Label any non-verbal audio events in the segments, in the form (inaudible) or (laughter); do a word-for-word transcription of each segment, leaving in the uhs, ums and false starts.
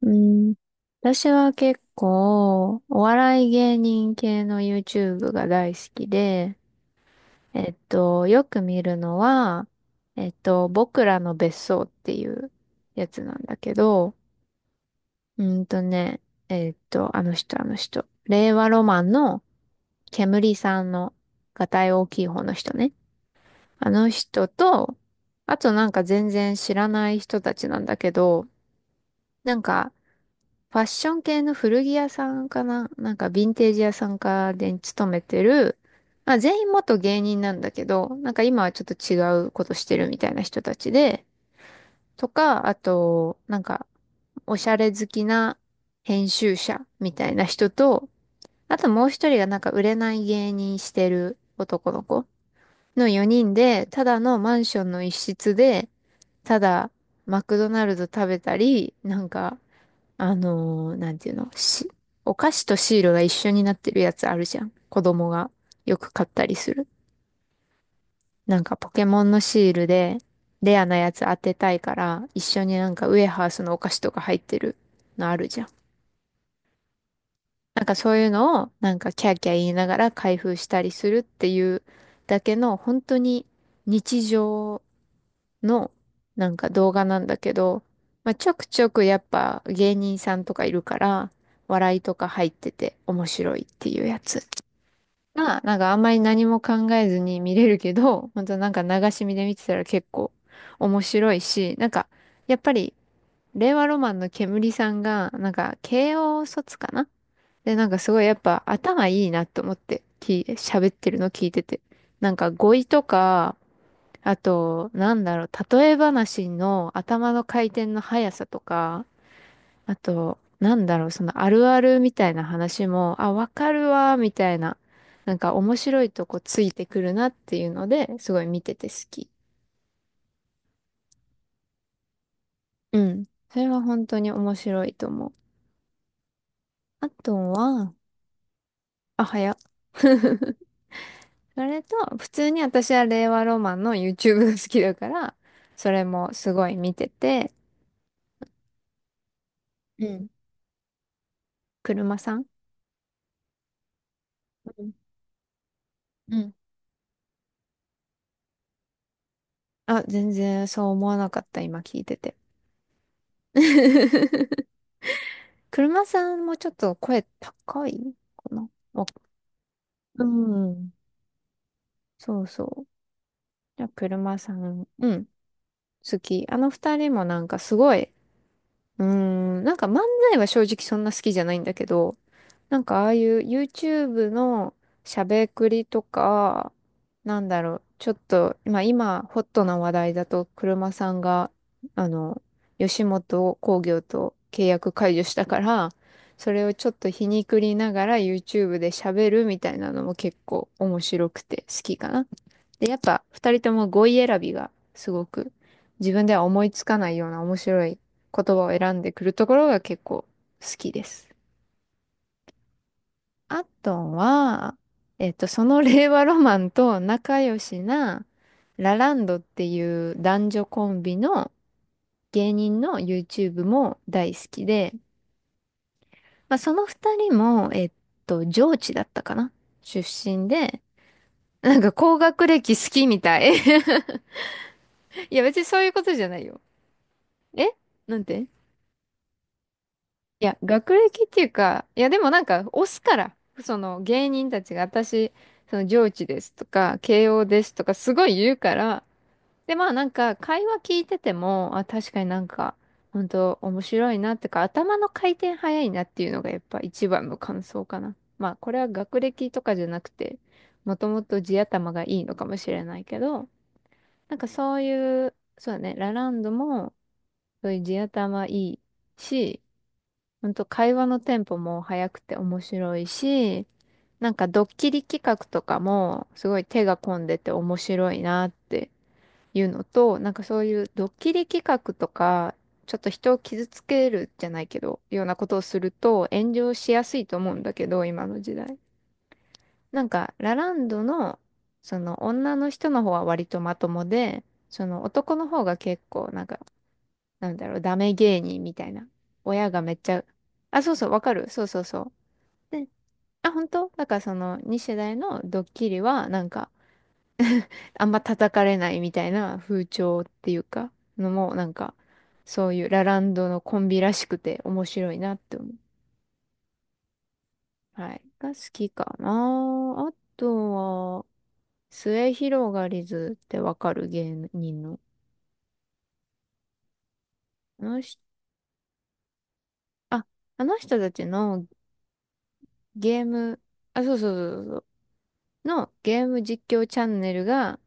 うん。私は結構、お笑い芸人系の YouTube が大好きで、えっと、よく見るのは、えっと、僕らの別荘っていうやつなんだけど、うんとね、えっと、あの人、あの人、令和ロマンの煙さんの、がたい大きい方の人ね。あの人と、あとなんか全然知らない人たちなんだけど、なんか、ファッション系の古着屋さんかななんかヴィンテージ屋さんかで勤めてる、まあ全員元芸人なんだけど、なんか今はちょっと違うことしてるみたいな人たちで、とか、あと、なんかおしゃれ好きな編集者みたいな人と、あともう一人がなんか売れない芸人してる男の子のよにんで、ただのマンションの一室で、ただマクドナルド食べたり、なんかあのーなんていうの、し、お菓子とシールが一緒になってるやつあるじゃん。子供がよく買ったりする。なんかポケモンのシールでレアなやつ当てたいから、一緒になんかウエハースのお菓子とか入ってるのあるじゃん。なんかそういうのをなんかキャーキャー言いながら開封したりするっていうだけの本当に日常の、なんか動画なんだけど、まあ、ちょくちょくやっぱ芸人さんとかいるから、笑いとか入ってて面白いっていうやつが、なんかあんまり何も考えずに見れるけど、本当なんか流し見で見てたら結構面白いし、なんかやっぱり令和ロマンの煙さんが、なんか慶応卒かなで、なんかすごいやっぱ頭いいなと思って、き、喋ってるの聞いてて。なんか語彙とか、あと、なんだろう、例え話の頭の回転の速さとか、あと、なんだろう、そのあるあるみたいな話も、あ、わかるわ、みたいな、なんか面白いとこついてくるなっていうので、すごい見てて好き。うん。それは本当に面白いと思う。あとは、あ、早っ。それと、普通に私は令和ロマンの YouTube が好きだから、それもすごい見てて、うん。車さん。うん。うん。あ、全然そう思わなかった、今聞いてて。(laughs) 車さんもちょっと声高いかな。おうん。そうそう。じゃあ、車さん、うん、好き。あの二人もなんかすごい、うーん、なんか漫才は正直そんな好きじゃないんだけど、なんかああいう YouTube のしゃべくりとか、なんだろう、ちょっと、今、今、ホットな話題だと、車さんが、あの、吉本興業と契約解除したから、それをちょっと皮肉りながら YouTube で喋るみたいなのも結構面白くて好きかな。で、やっぱ二人とも語彙選びがすごく自分では思いつかないような面白い言葉を選んでくるところが結構好きです。アットンは、えっと、その令和ロマンと仲良しなラランドっていう男女コンビの芸人の YouTube も大好きで、まあ、その二人も、えっと、上智だったかな出身で、なんか高学歴好きみたい。(laughs) いや、別にそういうことじゃないよ。えなんていや、学歴っていうか、いや、でもなんか、押すから、その芸人たちが私、その上智ですとか、慶応ですとか、すごい言うから、で、まあなんか会話聞いてても、あ、確かになんか、本当面白いなってか、頭の回転早いなっていうのがやっぱ一番の感想かな。まあこれは学歴とかじゃなくて、もともと地頭がいいのかもしれないけど、なんかそういう、そうだね、ラランドもそういう地頭いいし、本当会話のテンポも早くて面白いし、なんかドッキリ企画とかもすごい手が込んでて面白いなって。いうのと、なんかそういうドッキリ企画とか、ちょっと人を傷つけるじゃないけど、ようなことをすると炎上しやすいと思うんだけど、今の時代。なんか、ラランドの、その女の人の方は割とまともで、その男の方が結構、なんか、なんだろう、ダメ芸人みたいな。親がめっちゃ、あ、そうそう、わかる。そうそうそう。で、あ、本当だからそのに世代のドッキリは、なんか、あんま叩かれないみたいな風潮っていうか、のも、なんか、そういうラランドのコンビらしくて面白いなって思う。はい。が好きかな。あとは、末広がりずってわかる芸人の。あの人、あ、あの人たちのゲーム、あ、そうそうそうそう、のゲーム実況チャンネルが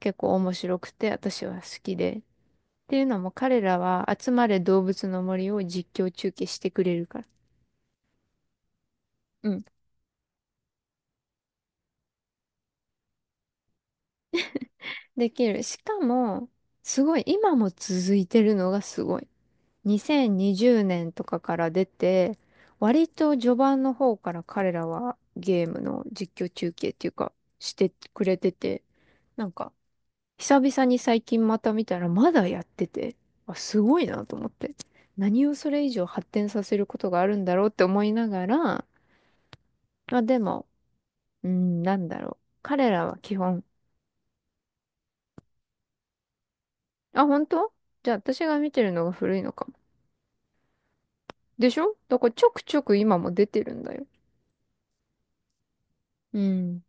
結構面白くて私は好きで。っていうのも彼らは集まれ動物の森を実況中継してくれるから。うん。できる。しかも、すごい、今も続いてるのがすごい。にせんにじゅうねんとかから出て、割と序盤の方から彼らはゲームの実況中継っていうか、してくれてて、なんか、久々に最近また見たらまだやってて、あ、すごいなと思って。何をそれ以上発展させることがあるんだろうって思いながら、まあでも、うん、なんだろう。彼らは基本、あ、本当じゃあ私が見てるのが古いのか。でしょだからちょくちょく今も出てるんだよ。うん。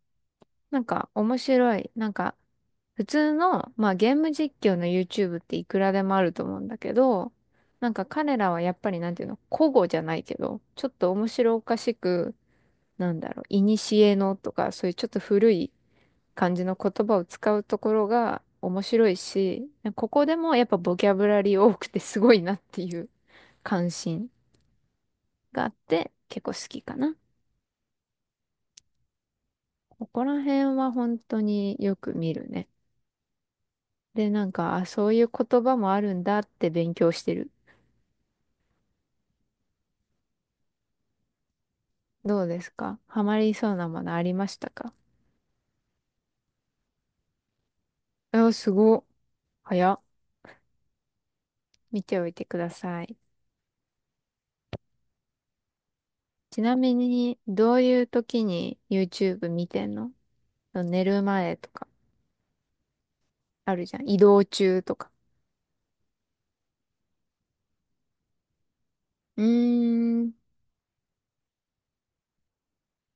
なんか面白い。なんか普通の、まあゲーム実況の YouTube っていくらでもあると思うんだけど、なんか彼らはやっぱりなんていうの、古語じゃないけど、ちょっと面白おかしく、なんだろう、古のとか、そういうちょっと古い感じの言葉を使うところが面白いし、ここでもやっぱボキャブラリー多くてすごいなっていう関心があって、結構好きかな。ここら辺は本当によく見るね。で、なんか、あ、そういう言葉もあるんだって勉強してる。どうですかハマりそうなものありましたか。あ、すごっ。早っ。見ておいてください。ちなみに、どういう時に YouTube 見てんの？寝る前とか、あるじゃん。移動中とか。うーん。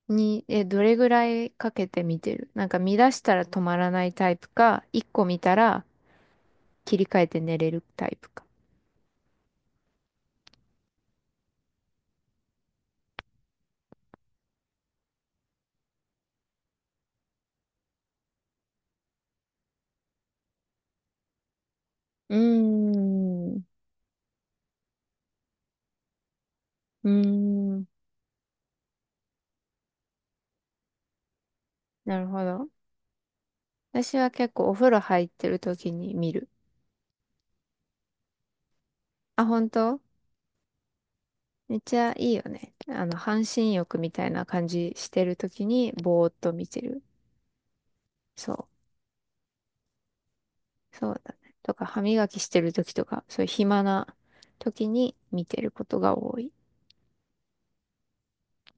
に、え、どれぐらいかけて見てる？なんか見出したら止まらないタイプか、一個見たら切り替えて寝れるタイプか。うーん。うーん。なるほど。私は結構お風呂入ってる時に見る。あ、本当？めっちゃいいよね。あの、半身浴みたいな感じしてる時にぼーっと見てる。そう。そうだね。とか、歯磨きしてる時とか、そういう暇な時に見てることが多い。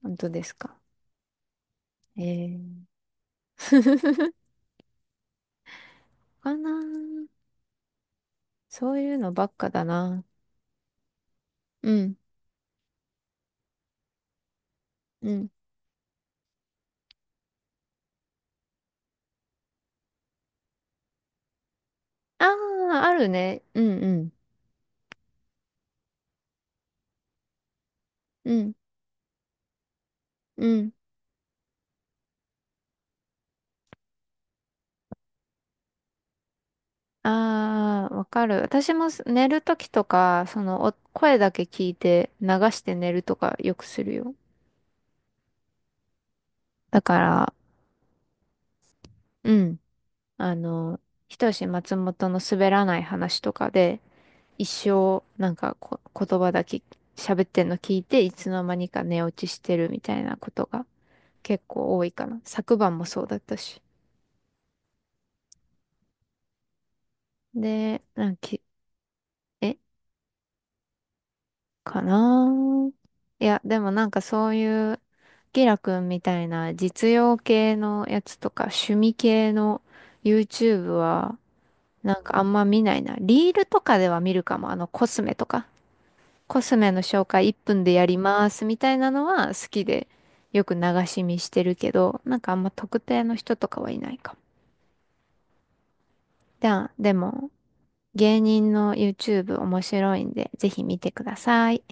本当ですか。ええー。 (laughs) かなー。そういうのばっかだな。うん。うん。ああ、あるね。うんうん。うん。うん。ああ、わかる。私もす寝るときとか、その、お声だけ聞いて流して寝るとかよくするよ。だから、うん。あの、ひとし松本の滑らない話とかで、一生、なんかこ、言葉だけ喋ってんの聞いて、いつの間にか寝落ちしてるみたいなことが結構多いかな。昨晩もそうだったし。で、なんかき、え、かなー。いや、でもなんかそういうキラくんみたいな実用系のやつとか趣味系の YouTube はなんかあんま見ないな。リールとかでは見るかも。あのコスメとか。コスメの紹介いっぷんでやりますみたいなのは好きでよく流し見してるけど、なんかあんま特定の人とかはいないかも。じゃあ、でも芸人の YouTube 面白いんでぜひ見てください。